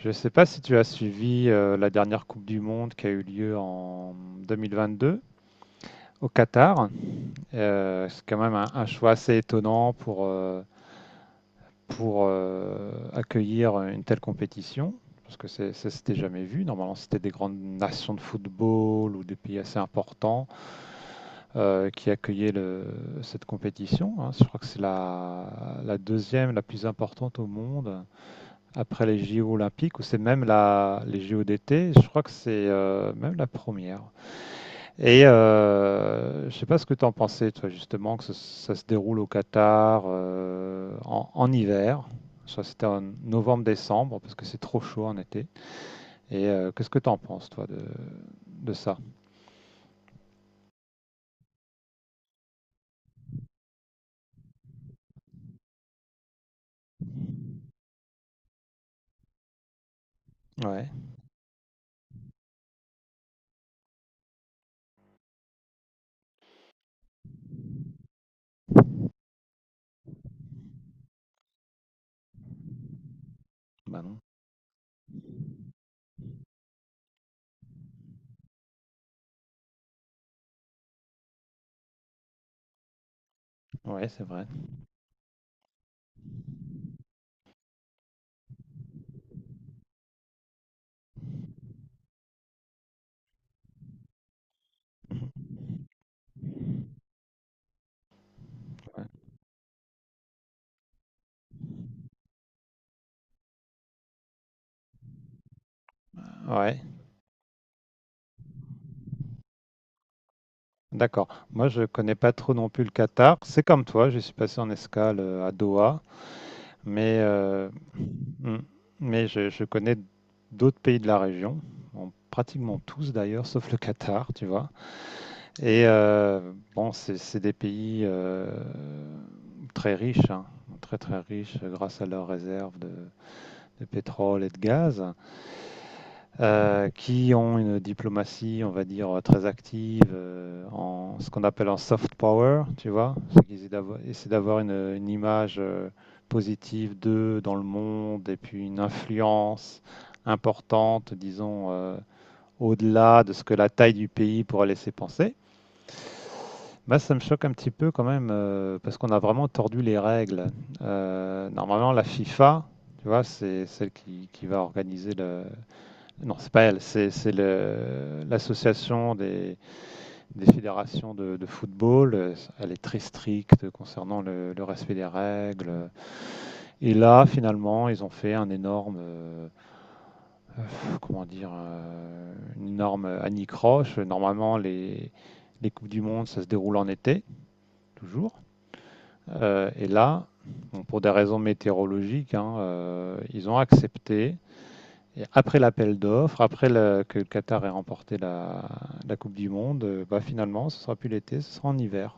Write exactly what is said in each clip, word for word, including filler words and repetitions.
Je ne sais pas si tu as suivi euh, la dernière Coupe du Monde qui a eu lieu en deux mille vingt-deux au Qatar. Euh, c'est quand même un, un choix assez étonnant pour, euh, pour euh, accueillir une telle compétition, parce que c'est- ça s'était jamais vu. Normalement, c'était des grandes nations de football ou des pays assez importants euh, qui accueillaient le- cette compétition, hein. Je crois que c'est la, la deuxième, la plus importante au monde, après les J O olympiques, ou c'est même la, les J O d'été, je crois que c'est euh, même la première. Et euh, je sais pas ce que tu en pensais, toi, justement, que ce- ça, se déroule au Qatar euh, en, en hiver. Je crois que c'était en novembre-décembre, parce que c'est trop chaud en été. Et euh, qu'est-ce que tu en penses, toi, de, de ça? Ouais. Bah non. Ouais, c'est vrai. Ouais. Ouais. D'accord. Moi, je connais pas trop non plus le Qatar. C'est comme toi, je suis passé en escale euh, à Doha, mais euh, Mm. Mais je, je connais d'autres pays de la région, en pratiquement tous d'ailleurs, sauf le Qatar, tu vois. Et euh, bon, c'est c'est des pays euh, très riches, hein, très très riches grâce à leurs réserves de, de pétrole et de gaz euh, qui ont une diplomatie, on va dire, très active euh, en ce qu'on appelle en soft power, tu vois. C'est d'avoir une, une image euh, positive d'eux dans le monde et puis une influence importante, disons, euh, au-delà de ce que la taille du pays pourrait laisser penser. Bah, ça me choque un petit peu quand même euh, parce qu'on a vraiment tordu les règles. Euh, normalement, la FIFA, tu vois, c'est celle qui, qui va organiser le- non, c'est pas elle, c'est c'est le- l'association des, des fédérations de, de football. Euh, Elle est très stricte concernant le, le respect des règles. Et là, finalement, ils ont fait un énorme, euh, euh, comment dire, euh, une énorme anicroche. Normalement, les, les Coupes du Monde, ça se déroule en été, toujours. Euh, et là, bon, pour des raisons météorologiques, hein, euh, ils ont accepté. Et après l'appel d'offres, après le- que le Qatar ait remporté la, la Coupe du Monde, euh, bah finalement, ce sera plus l'été, ce sera en hiver.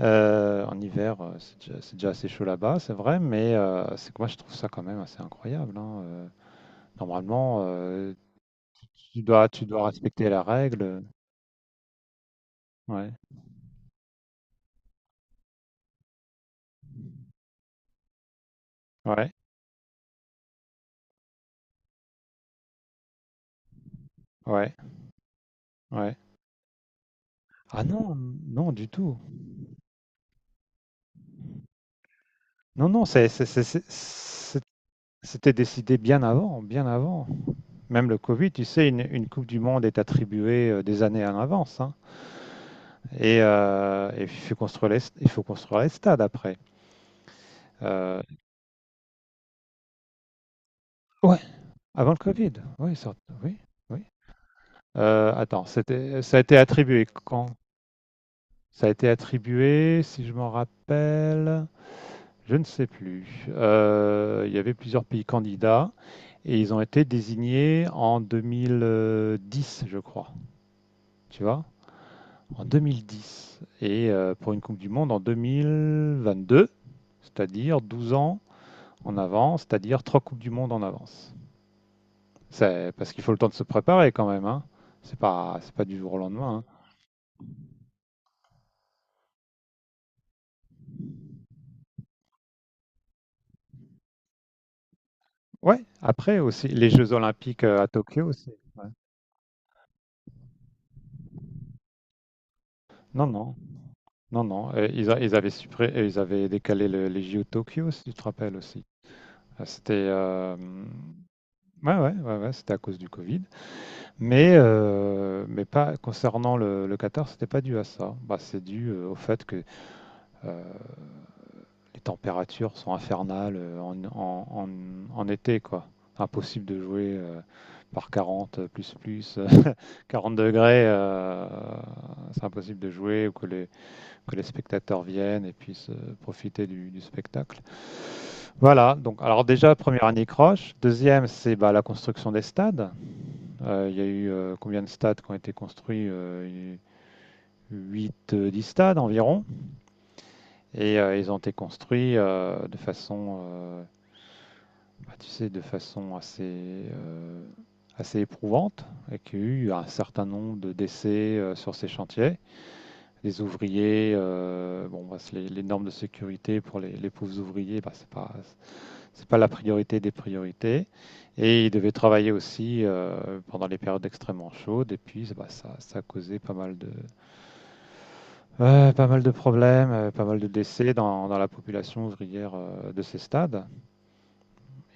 Euh, en hiver, euh, c'est déjà, c'est déjà assez chaud là-bas, c'est vrai, mais euh, c'est que moi, je trouve ça quand même assez incroyable, hein. Euh, normalement, euh, tu dois, tu dois respecter la règle. Ouais, ouais, ouais, ouais. Ah non, non, du tout. Non, non, c'est c'est- c'est- c'est- c'est c'était décidé bien avant, bien avant. Même le Covid, tu sais, une, une Coupe du Monde est attribuée euh, des années à l'avance, hein. Et, euh, et il faut construire les, il faut construire les stades après. Euh, ouais, avant le Covid. Oui, ça- oui, oui. Euh, attends, c'était, ça a été attribué quand? Ça a été attribué, si je m'en rappelle, je ne sais plus. Euh, il y avait plusieurs pays candidats et ils ont été désignés en deux mille dix, je crois. Tu vois? En deux mille dix et euh, pour une Coupe du Monde en deux mille vingt-deux, c'est-à-dire douze ans en avance, c'est-à-dire trois Coupes du Monde en avance. C'est parce qu'il faut le temps de se préparer quand même, hein. C'est pas, c'est pas du jour au lendemain, hein. Ouais, après aussi, les Jeux Olympiques euh, à Tokyo, c'est... ouais. Non, non, non, non. euh, Ils, a- ils avaient suppré- euh, ils avaient décalé le- les J O de Tokyo, si tu te rappelles aussi. Ah, c'était... euh, Ouais, ouais, ouais, ouais, c'était à cause du Covid. Mais, euh, mais pas concernant le, le Qatar, c'était pas dû à ça. Bah, c'est dû euh, au fait que euh, les températures sont infernales euh, en, en- en- en été, quoi. Impossible de jouer euh, par quarante euh, plus plus quarante degrés, euh, c'est impossible de jouer ou que les, que les spectateurs viennent et puissent euh, profiter du, du spectacle. Voilà. Donc, alors déjà première année croche. Deuxième, c'est bah, la construction des stades. Euh, il y a eu euh, combien de stades qui ont été construits euh, huit, euh, stades environ. Et euh, ils ont été construits euh, de façon, euh, bah, tu sais, de façon assez, euh, assez éprouvante. Et qu'il y a eu un certain nombre de décès euh, sur ces chantiers. Les ouvriers, euh, bon, bah, les, les normes de sécurité pour les, les pauvres ouvriers, bah, c'est pas, c'est pas la priorité des priorités. Et il devait travailler aussi euh, pendant les périodes extrêmement chaudes. Et puis, bah, ça, ça a causé pas mal de, euh, pas mal de problèmes, euh, pas mal de décès dans, dans la population ouvrière euh, de ces stades.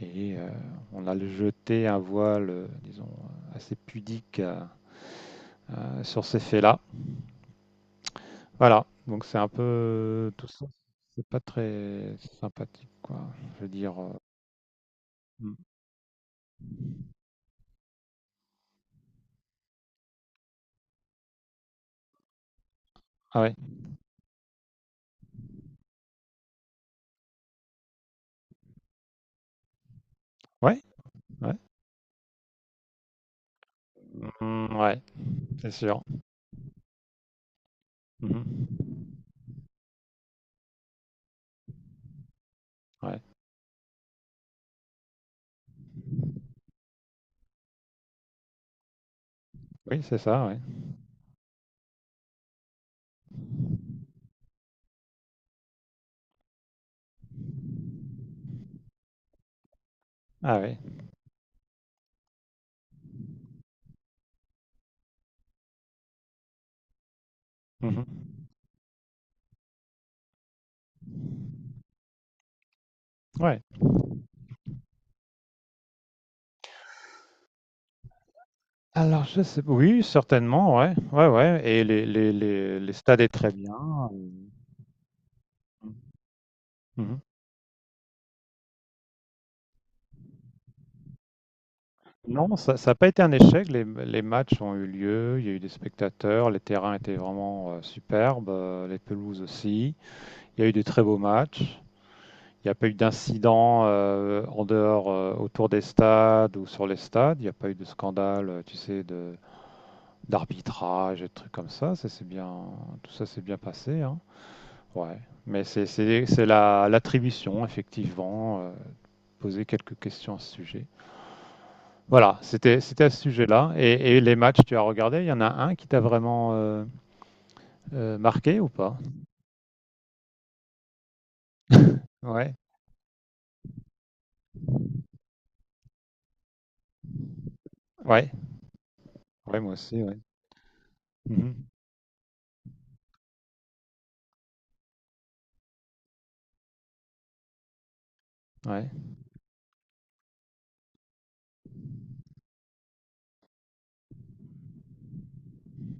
Et euh, on a jeté un voile, euh, disons, assez pudique euh, euh, sur ces faits-là. Voilà. Donc, c'est un peu euh, tout ça. C'est pas très sympathique, quoi. Je veux dire. euh, Mm. Ah ouais, ouais, ouais, Mm, ouais, c'est sûr. Mmh. Ouais. Oui, c'est ça, ouais. Ah oui. Mmh. Ouais. Alors je sais oui, certainement, ouais. Ouais, ouais, et les les les les stades est très bien, heu, mmh. Mmh. Non, ça ça a pas été un échec, les les matchs ont eu lieu, il y a eu des spectateurs, les terrains étaient vraiment, heu, superbes, heu, les pelouses aussi. Il y a eu de très beaux matchs. Il n'y a pas eu d'incident, heu, en dehors, heu, autour des stades ou sur les stades. Il n'y a pas eu de scandale, heu, tu sais de d'arbitrage et de trucs comme ça. Ça c'est bien, tout ça s'est bien passé, hein. Ouais. Mais c'est c'est- c'est la- l'attribution, effectivement, euh, poser quelques questions à ce sujet. Voilà, c'était c'était à ce sujet-là. Et, et les matchs, tu as regardé, il y en a un qui t'a vraiment euh, euh, marqué ou pas? Ouais, ouais, ouais, moi aussi, ouais. Mhm. Ouais.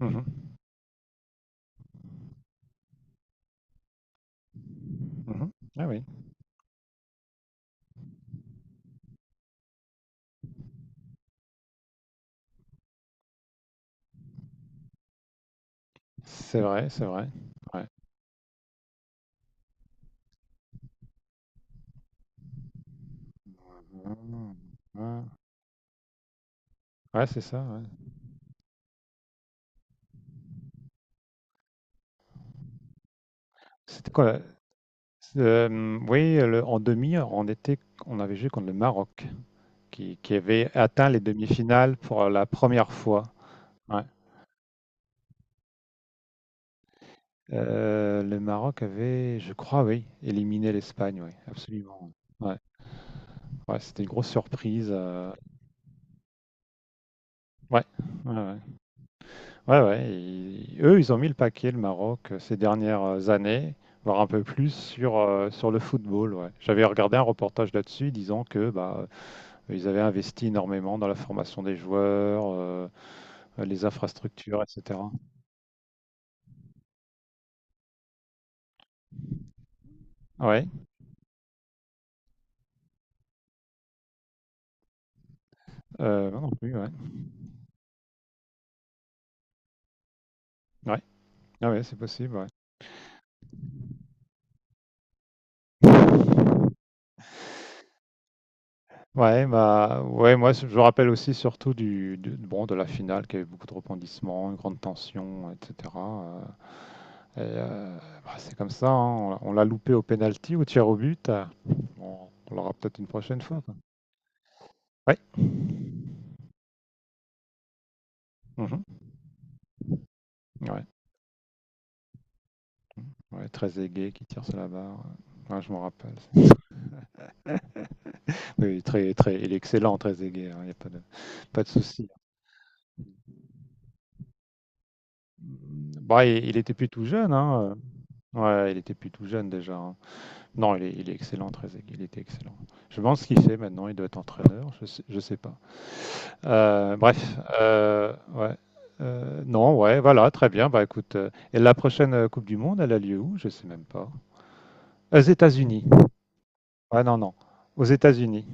Mhm. Mhm. Ah oui, c'est vrai, c'est vrai. Ouais. Mhm. Ouais, Ouais, c'est ça, ouais. C'était quoi? Hem, oui, le en demi, on était on avait joué contre le Maroc qui qui avait atteint les demi-finales pour la première fois. Ouais. Heu, le Maroc avait, je crois, oui, éliminé l'Espagne, oui, absolument. Ouais, ouais, c'était une grosse surprise, heu, ouais, ouais, ouais. Ouais, ouais, i eux, ils ont mis le paquet, le Maroc, euh, ces dernières euh, années, voire un peu plus sur, heu, sur le football, ouais. J'avais regardé un reportage là-dessus disant que, bah, ils avaient investi énormément dans la formation des joueurs, euh, les infrastructures, et cætera. Ouais, euh, moi non plus, ouais. Ouais, ah ouais, c'est possible, ouais. Ouais, bah, ouais, moi je me rappelle aussi surtout du, du- bon, de la finale qui avait beaucoup de rebondissements, une grande tension, et cætera euh, et, euh, Bah, c'est comme ça, hein, on, l'a on l'a loupé au penalty, au tir au but. Euh, bon, on l'aura peut-être une prochaine fois, quoi. Ouais, mhm, ouais, ouais, très aigué qui tire sur la barre. Ouais, je me rappelle. Oui, très, très, il est excellent, très égay, hein, il n'y a pas de, pas de souci. Bah, il, il était plus tout jeune, hein. euh, Ouais, il était plus tout jeune déjà, hein. Non, il est, il est excellent, très égay, il était excellent. Je pense ce qu'il fait maintenant, il doit être entraîneur, je sais, je sais pas. Euh, bref, euh, ouais. Euh, non, ouais, voilà, très bien. Bah écoute, euh, et la prochaine euh, Coupe du Monde, elle a lieu où? Je sais même pas. Aux États-Unis. Ah non, non. Aux États-Unis.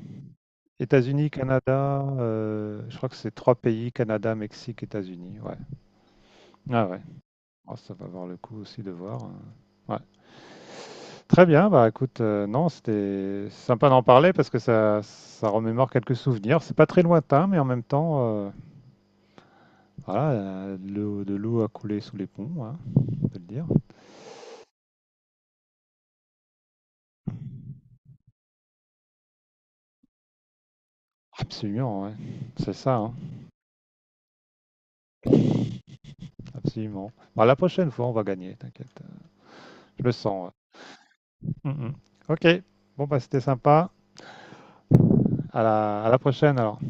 États-Unis, Canada, euh, je crois que c'est trois pays, Canada, Mexique, États-Unis. Ouais. Ah ouais, oh, ça va avoir le coup aussi de voir, euh, ouais. Très bien, bah écoute, euh, non, c'était sympa d'en parler parce que ça, ça remémore quelques souvenirs. C'est pas très lointain, mais en même temps, euh, voilà, euh, de l'eau de l'eau a coulé sous les ponts, hein, on peut le dire. Absolument, ouais. C'est ça, hein, absolument. Bah, la prochaine fois, on va gagner, t'inquiète. Je le sens. Ouais. Mm, mm. Ok, bon, bah c'était sympa. À la, à la prochaine alors.